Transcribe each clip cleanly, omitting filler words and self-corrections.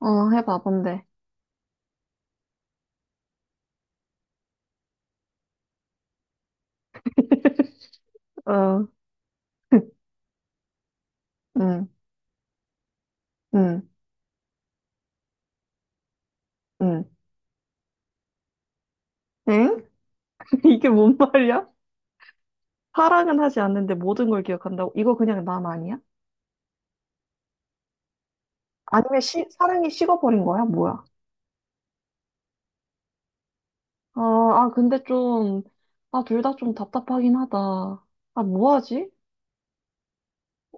어, 해봐, 뭔데? 어, 응, 응, 응. 엥? 이게 뭔 말이야? 사랑은 하지 않는데 모든 걸 기억한다고? 이거 그냥 남 아니야? 아니면 사랑이 식어버린 거야? 뭐야? 아, 아, 근데 좀, 아, 둘 다 좀 답답하긴 하다. 아, 뭐 하지?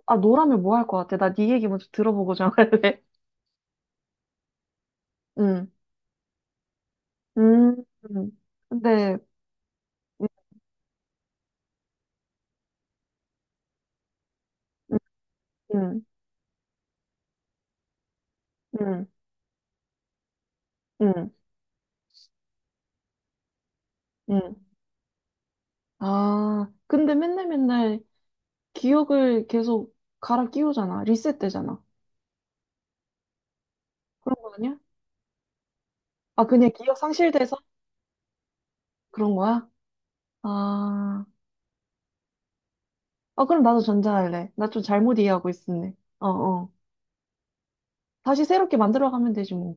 아, 너라면 뭐 할 것 같아? 나 네 얘기 먼저 들어보고 정할래. 응, 음, 음. 근데, 응, 응, 응, 응, 응. 아, 근데 맨날 맨날 기억을 계속 갈아 끼우잖아. 리셋되잖아. 그런 거 아니야? 아, 그냥 기억 상실돼서 그런 거야? 아, 아, 그럼 나도 전자할래. 나 좀 잘못 이해하고 있었네. 어, 어. 다시 새롭게 만들어가면 되지, 뭐.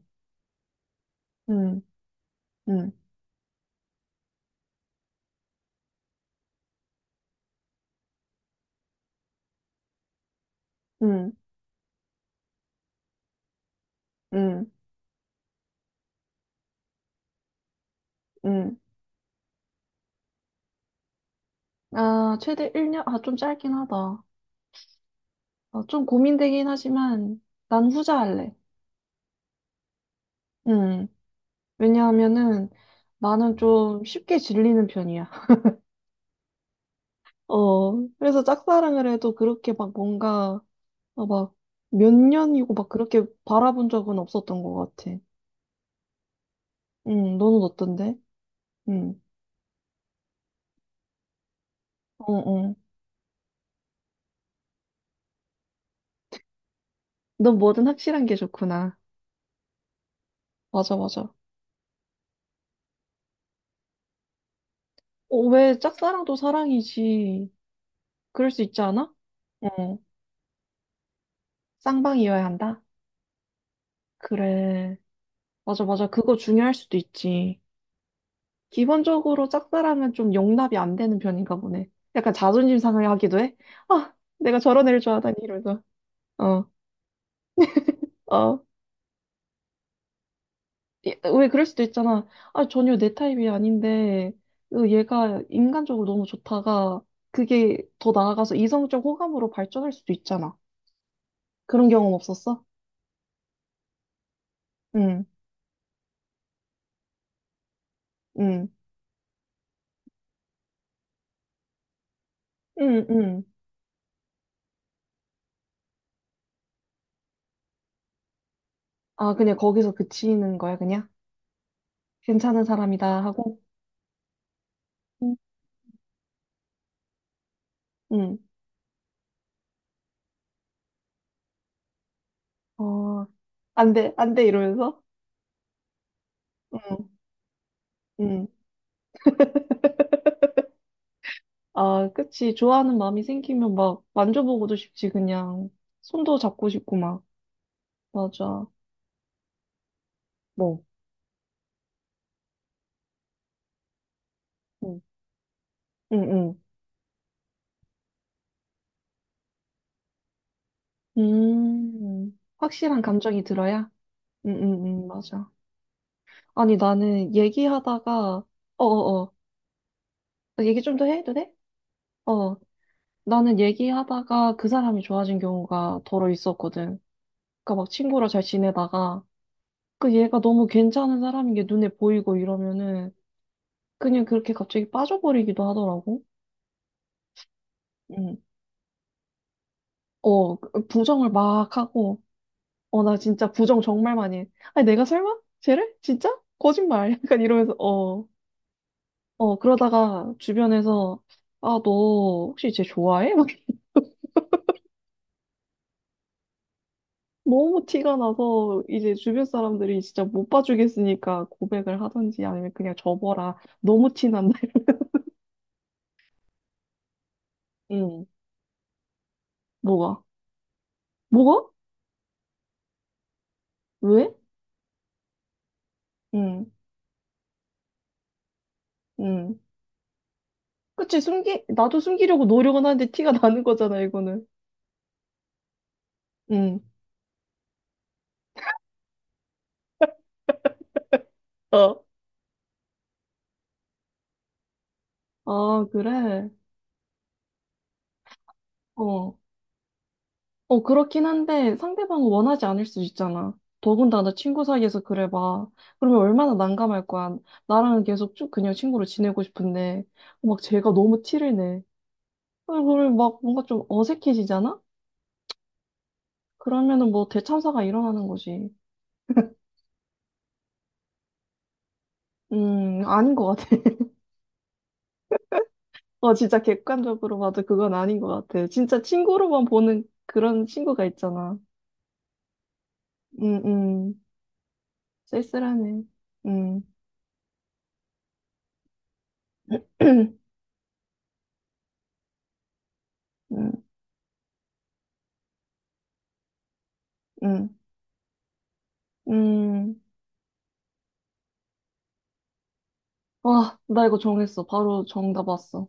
응, 응, 응, 응, 응. 아, 최대 1년? 아, 좀 짧긴 하다. 아, 좀 고민되긴 하지만, 난 후자할래. 응. 왜냐하면은, 나는 좀 쉽게 질리는 편이야. 어, 그래서 짝사랑을 해도 그렇게 막 뭔가 아, 막, 몇 년이고 막 그렇게 바라본 적은 없었던 것 같아. 응, 너는 어떤데? 응, 어, 어. 넌 뭐든 확실한 게 좋구나. 맞아, 맞아. 어, 왜 짝사랑도 사랑이지? 그럴 수 있지 않아? 어, 쌍방이어야 한다? 그래. 맞아, 맞아. 그거 중요할 수도 있지. 기본적으로 짝사랑은 좀 용납이 안 되는 편인가 보네. 약간 자존심 상하게 하기도 해? 아, 내가 저런 애를 좋아하다니, 이러면서. 어, 어. 예, 왜 그럴 수도 있잖아. 아, 전혀 내 타입이 아닌데, 으, 얘가 인간적으로 너무 좋다가, 그게 더 나아가서 이성적 호감으로 발전할 수도 있잖아. 그런 경험 없었어? 응, 응, 응, 응. 아, 그냥 거기서 그치는 거야, 그냥? 괜찮은 사람이다 하고? 응, 응. 어, 안 돼, 안 돼, 이러면서? 응, 응. 아, 그치. 좋아하는 마음이 생기면 막 만져보고도 싶지, 그냥. 손도 잡고 싶고, 막. 맞아. 뭐. 응, 응, 응. 음, 확실한 감정이 들어야? 맞아. 아니, 나는 얘기하다가, 어어어, 나 얘기 좀 더 해도 돼? 어, 나는 얘기하다가 그 사람이 좋아진 경우가 더러 있었거든. 그니까 막 친구랑 잘 지내다가, 그 얘가 너무 괜찮은 사람인 게 눈에 보이고 이러면은, 그냥 그렇게 갑자기 빠져버리기도 하더라고. 음, 어, 그 부정을 막 하고, 어, 나 진짜 부정 정말 많이 해. 아니, 내가 설마? 쟤를? 진짜? 거짓말. 약간 이러면서, 어. 어, 그러다가 주변에서, 아, 너 혹시 쟤 좋아해? 막 너무 티가 나서 이제 주변 사람들이 진짜 못 봐주겠으니까 고백을 하든지 아니면 그냥 접어라. 너무 티난다. 응, 뭐가? 뭐가? 왜? 응, 응. 그치, 숨기, 나도 숨기려고 노력은 하는데 티가 나는 거잖아, 이거는. 응, 어. 아, 그래? 어, 어, 그렇긴 한데 상대방은 원하지 않을 수 있잖아. 더군다나 친구 사이에서 그래 봐. 그러면 얼마나 난감할 거야. 나랑은 계속 쭉 그냥 친구로 지내고 싶은데 막 쟤가 너무 티를 내. 그걸 막 뭔가 좀 어색해지잖아? 그러면은 뭐 대참사가 일어나는 거지. 아닌 것 같아. 어, 진짜 객관적으로 봐도 그건 아닌 것 같아. 진짜 친구로만 보는 그런 친구가 있잖아. 음, 음. 쓸쓸하네. 음, 음, 음, 음. 와, 나 이거 정했어. 바로 정답 왔어.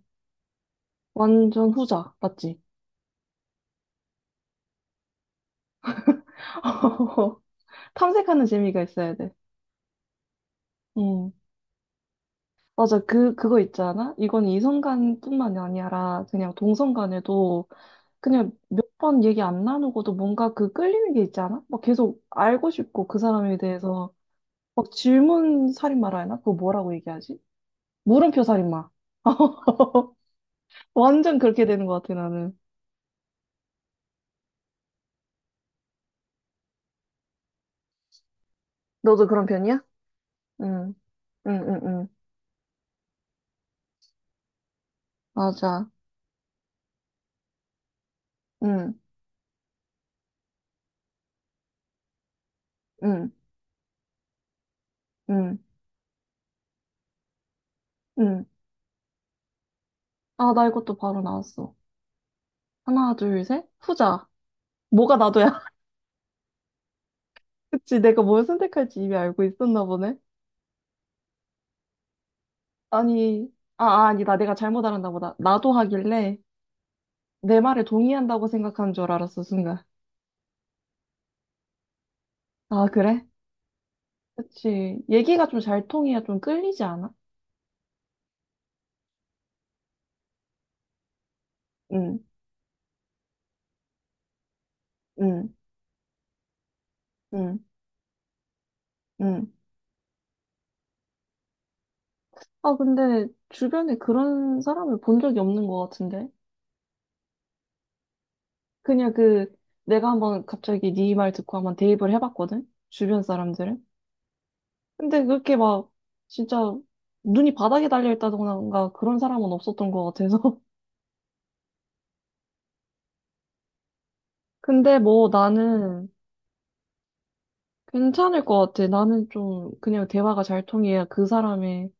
완전 후자, 맞지? 탐색하는 재미가 있어야 돼. 응. 맞아, 그, 그거 있잖아? 이건 이성간뿐만이 아니라 그냥 동성간에도 그냥 몇 번 얘기 안 나누고도 뭔가 그 끌리는 게 있잖아? 막 계속 알고 싶고 그 사람에 대해서 막 질문 살인마라 해나? 그거 뭐라고 얘기하지? 물음표 살인마. 완전 그렇게 되는 것 같아, 나는. 너도 그런 편이야? 응, 응, 응, 응. 맞아. 응. 응, 응, 응. 아, 나 이것도 바로 나왔어. 하나, 둘, 셋. 후자. 뭐가 나도야. 그치, 내가 뭘 선택할지 이미 알고 있었나 보네. 아니, 아, 아, 아니다. 내가 잘못 알았나 보다. 나도 하길래 내 말에 동의한다고 생각한 줄 알았어, 순간. 아, 그래? 그치. 얘기가 좀 잘 통해야 좀 끌리지 않아? 응, 응, 응, 응. 아, 근데 주변에 그런 사람을 본 적이 없는 것 같은데? 그냥 그, 내가 한번 갑자기 네 말 듣고 한번 대입을 해봤거든? 주변 사람들은? 근데 그렇게 막 진짜 눈이 바닥에 달려 있다던가 그런 사람은 없었던 것 같아서. 근데 뭐 나는 괜찮을 것 같아. 나는 좀 그냥 대화가 잘 통해야 그 사람의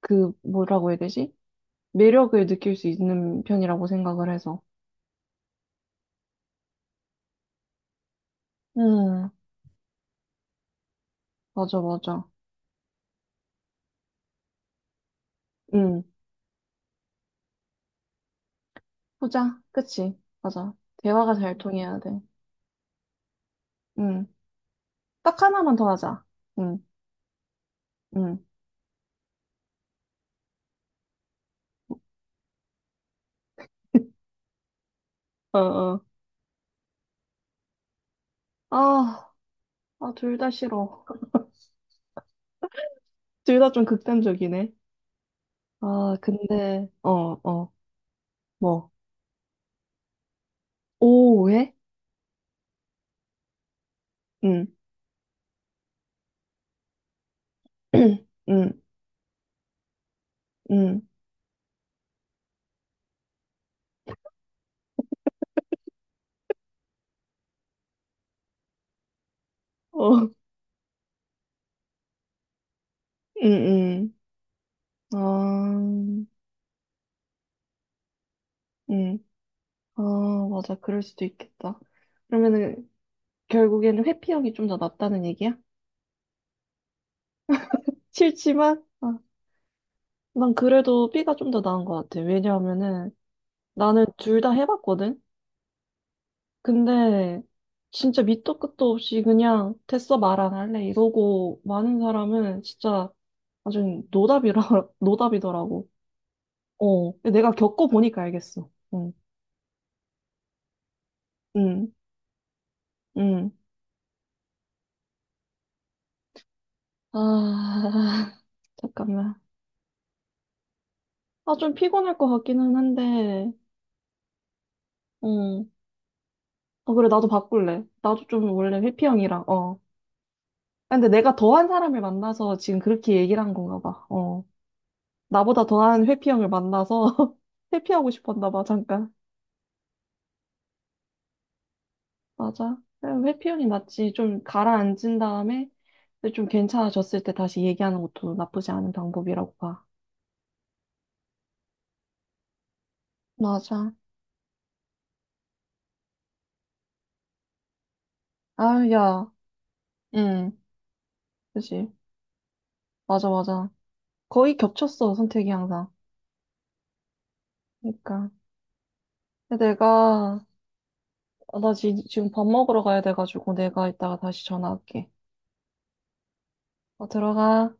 그 뭐라고 해야 되지? 매력을 느낄 수 있는 편이라고 생각을 해서. 음, 맞아, 맞아. 음, 후자. 그치. 맞아. 대화가 잘 통해야 돼. 음, 딱 하나만 더 하자. 음, 음, 어, 어. 아, 아, 둘 다 싫어. 둘 다 좀 극단적이네. 아, 근데, 어, 어, 뭐, 오해? 응, 응, 응, 어, 응, 응, 아, 응, 아, 맞아, 그럴 수도 있겠다. 그러면은, 결국에는 회피형이 좀 더 낫다는 얘기야? 싫지만, 아, 난 그래도 B가 좀 더 나은 것 같아. 왜냐하면은, 나는 둘 다 해봤거든? 근데, 진짜 밑도 끝도 없이 그냥, 됐어, 말 안 할래. 이러고, 많은 사람은 진짜, 아주 노답이라, 노답이더라고. 어, 내가 겪어보니까 알겠어. 응, 응, 응. 아, 잠깐만. 아, 좀 피곤할 것 같기는 한데, 응. 어, 그래, 나도 바꿀래. 나도 좀 원래 회피형이라, 어. 아, 근데 내가 더한 사람을 만나서 지금 그렇게 얘기를 한 건가 봐. 어. 나보다 더한 회피형을 만나서 회피하고 싶었나 봐, 잠깐. 맞아. 그냥 회피형이 낫지. 좀 가라앉은 다음에 좀 괜찮아졌을 때 다시 얘기하는 것도 나쁘지 않은 방법이라고 봐. 맞아. 아, 야. 응, 그지. 맞아, 맞아. 거의 겹쳤어, 선택이 항상. 그러니까. 근데 내가, 아, 나 지금 밥 먹으러 가야 돼가지고 내가 이따가 다시 전화할게. 어, 들어가.